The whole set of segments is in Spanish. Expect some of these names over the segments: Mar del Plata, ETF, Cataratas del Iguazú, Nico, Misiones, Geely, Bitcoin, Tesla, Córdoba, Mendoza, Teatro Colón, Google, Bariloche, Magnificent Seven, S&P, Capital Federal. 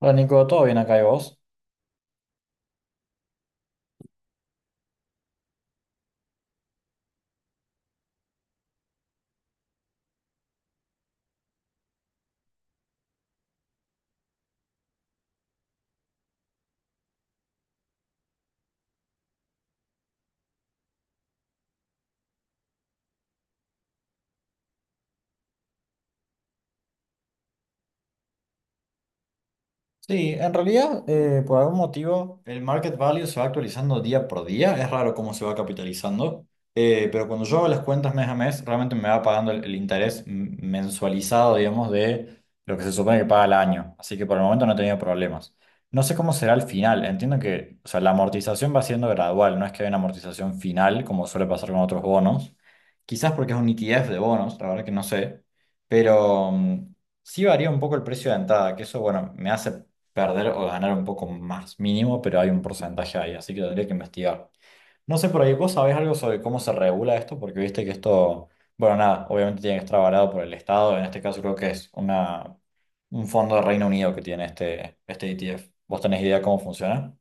Hola Nico, ¿todo bien acá y vos? Sí, en realidad, por algún motivo, el market value se va actualizando día por día. Es raro cómo se va capitalizando. Pero cuando yo hago las cuentas mes a mes, realmente me va pagando el interés mensualizado, digamos, de lo que se supone que paga al año. Así que por el momento no he tenido problemas. No sé cómo será el final. Entiendo que, o sea, la amortización va siendo gradual. No es que haya una amortización final, como suele pasar con otros bonos. Quizás porque es un ETF de bonos, la verdad que no sé. Pero. mm, Sí varía un poco el precio de entrada, que eso, bueno, me hace perder o ganar un poco más mínimo, pero hay un porcentaje ahí, así que tendría que investigar. No sé, por ahí, ¿vos sabés algo sobre cómo se regula esto? Porque viste que esto, bueno, nada, obviamente tiene que estar avalado por el Estado. En este caso creo que es una, un fondo de Reino Unido que tiene este ETF. ¿Vos tenés idea cómo funciona?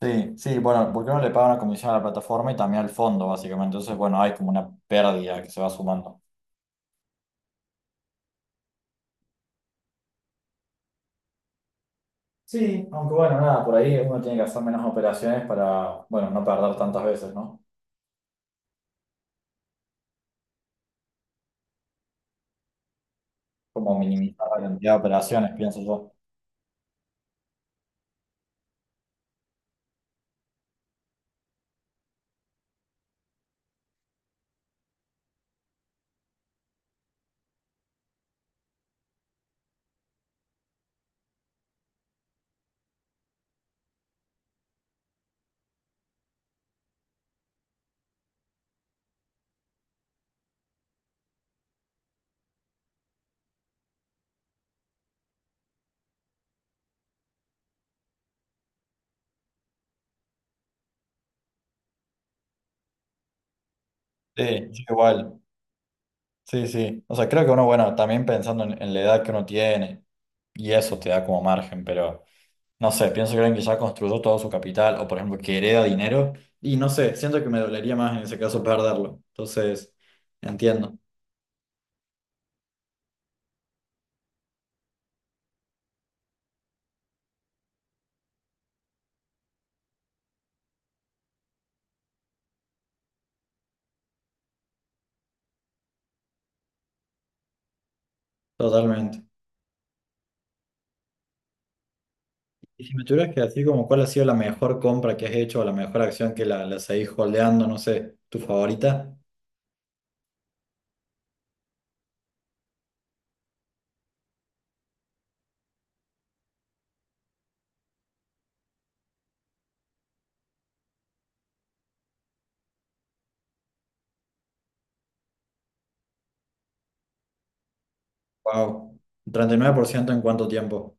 Sí, sí, bueno, porque uno le paga una comisión a la plataforma y también al fondo, básicamente. Entonces, bueno, hay como una pérdida que se va sumando. Sí, aunque bueno, nada, por ahí uno tiene que hacer menos operaciones para, bueno, no perder tantas veces, ¿no? Como minimizar la cantidad de operaciones, pienso yo. Sí, yo igual. Sí, sí. O sea, creo que uno, bueno, también pensando en la edad que uno tiene, y eso te da como margen, pero no sé, pienso que alguien que ya construyó todo su capital, o por ejemplo, que hereda dinero, y no sé, siento que me dolería más en ese caso perderlo. Entonces, entiendo, totalmente. Y si me tuvieras que decir como cuál ha sido la mejor compra que has hecho, o la mejor acción que la seguís holdeando, no sé, tu favorita, wow, 39% en cuánto tiempo.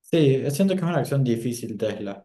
Sí, siento que es una acción difícil Tesla.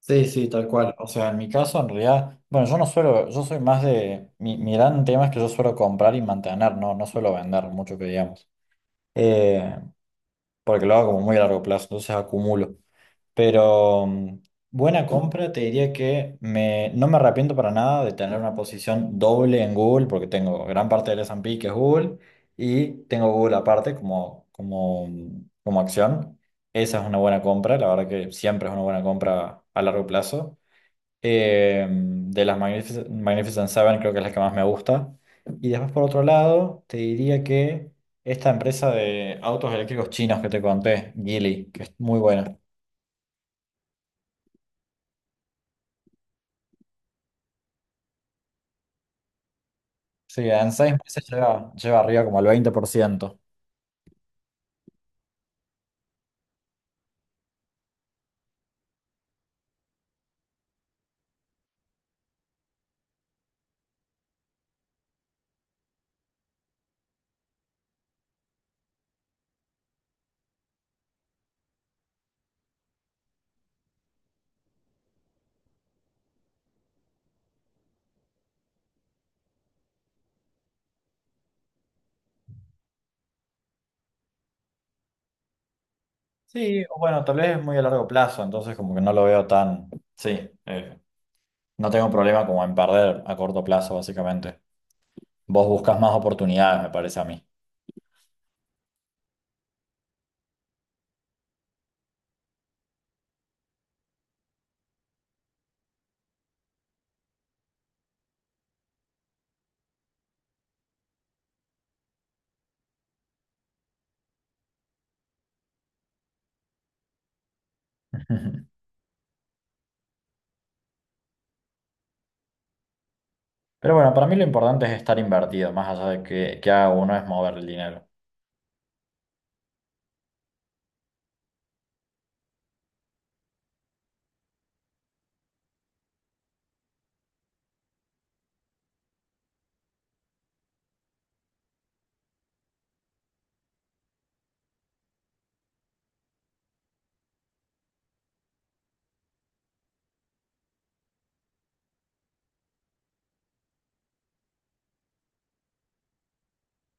Sí, sí, tal cual. O sea, en mi caso, en realidad, bueno, yo no suelo, yo soy más de, mi gran tema es que yo suelo comprar y mantener, no suelo vender mucho que digamos. Eh, Porque lo hago como muy a largo plazo, entonces acumulo. Pero mm, Buena compra, te diría que me, no me arrepiento para nada de tener una posición doble en Google, porque tengo gran parte del S&P que es Google, y tengo Google aparte como, como acción. Esa es una buena compra, la verdad que siempre es una buena compra a largo plazo. De las Magnificent Seven creo que es la que más me gusta. Y después por otro lado, te diría que esta empresa de autos eléctricos chinos que te conté, Geely, que es muy buena. Sí, en 6 meses lleva, lleva arriba como al 20%. Sí, o bueno, tal vez es muy a largo plazo, entonces como que no lo veo tan... Sí, no tengo problema como en perder a corto plazo, básicamente. Vos buscas más oportunidades, me parece a mí. Pero bueno, para mí lo importante es estar invertido, más allá de que haga uno, es mover el dinero.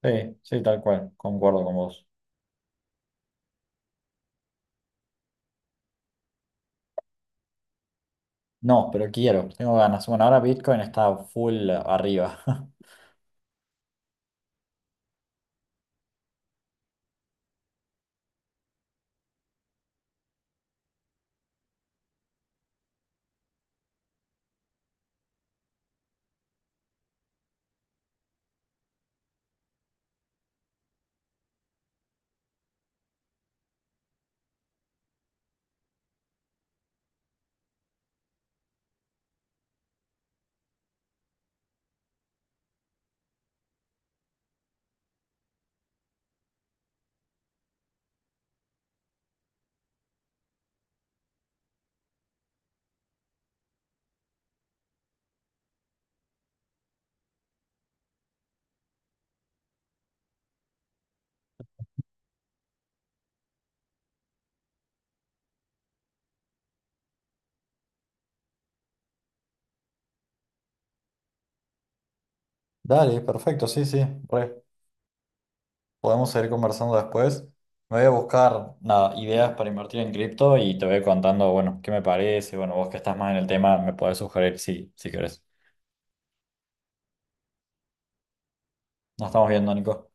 Sí, sí, tal cual, concuerdo con vos. No, pero quiero, tengo ganas. Bueno, ahora Bitcoin está full arriba. Dale, perfecto, sí, sí, re. Podemos seguir conversando después. Me voy a buscar, nada, ideas para invertir en cripto y te voy contando, bueno, qué me parece. Bueno, vos que estás más en el tema, me podés sugerir si querés. Nos estamos viendo, Nico.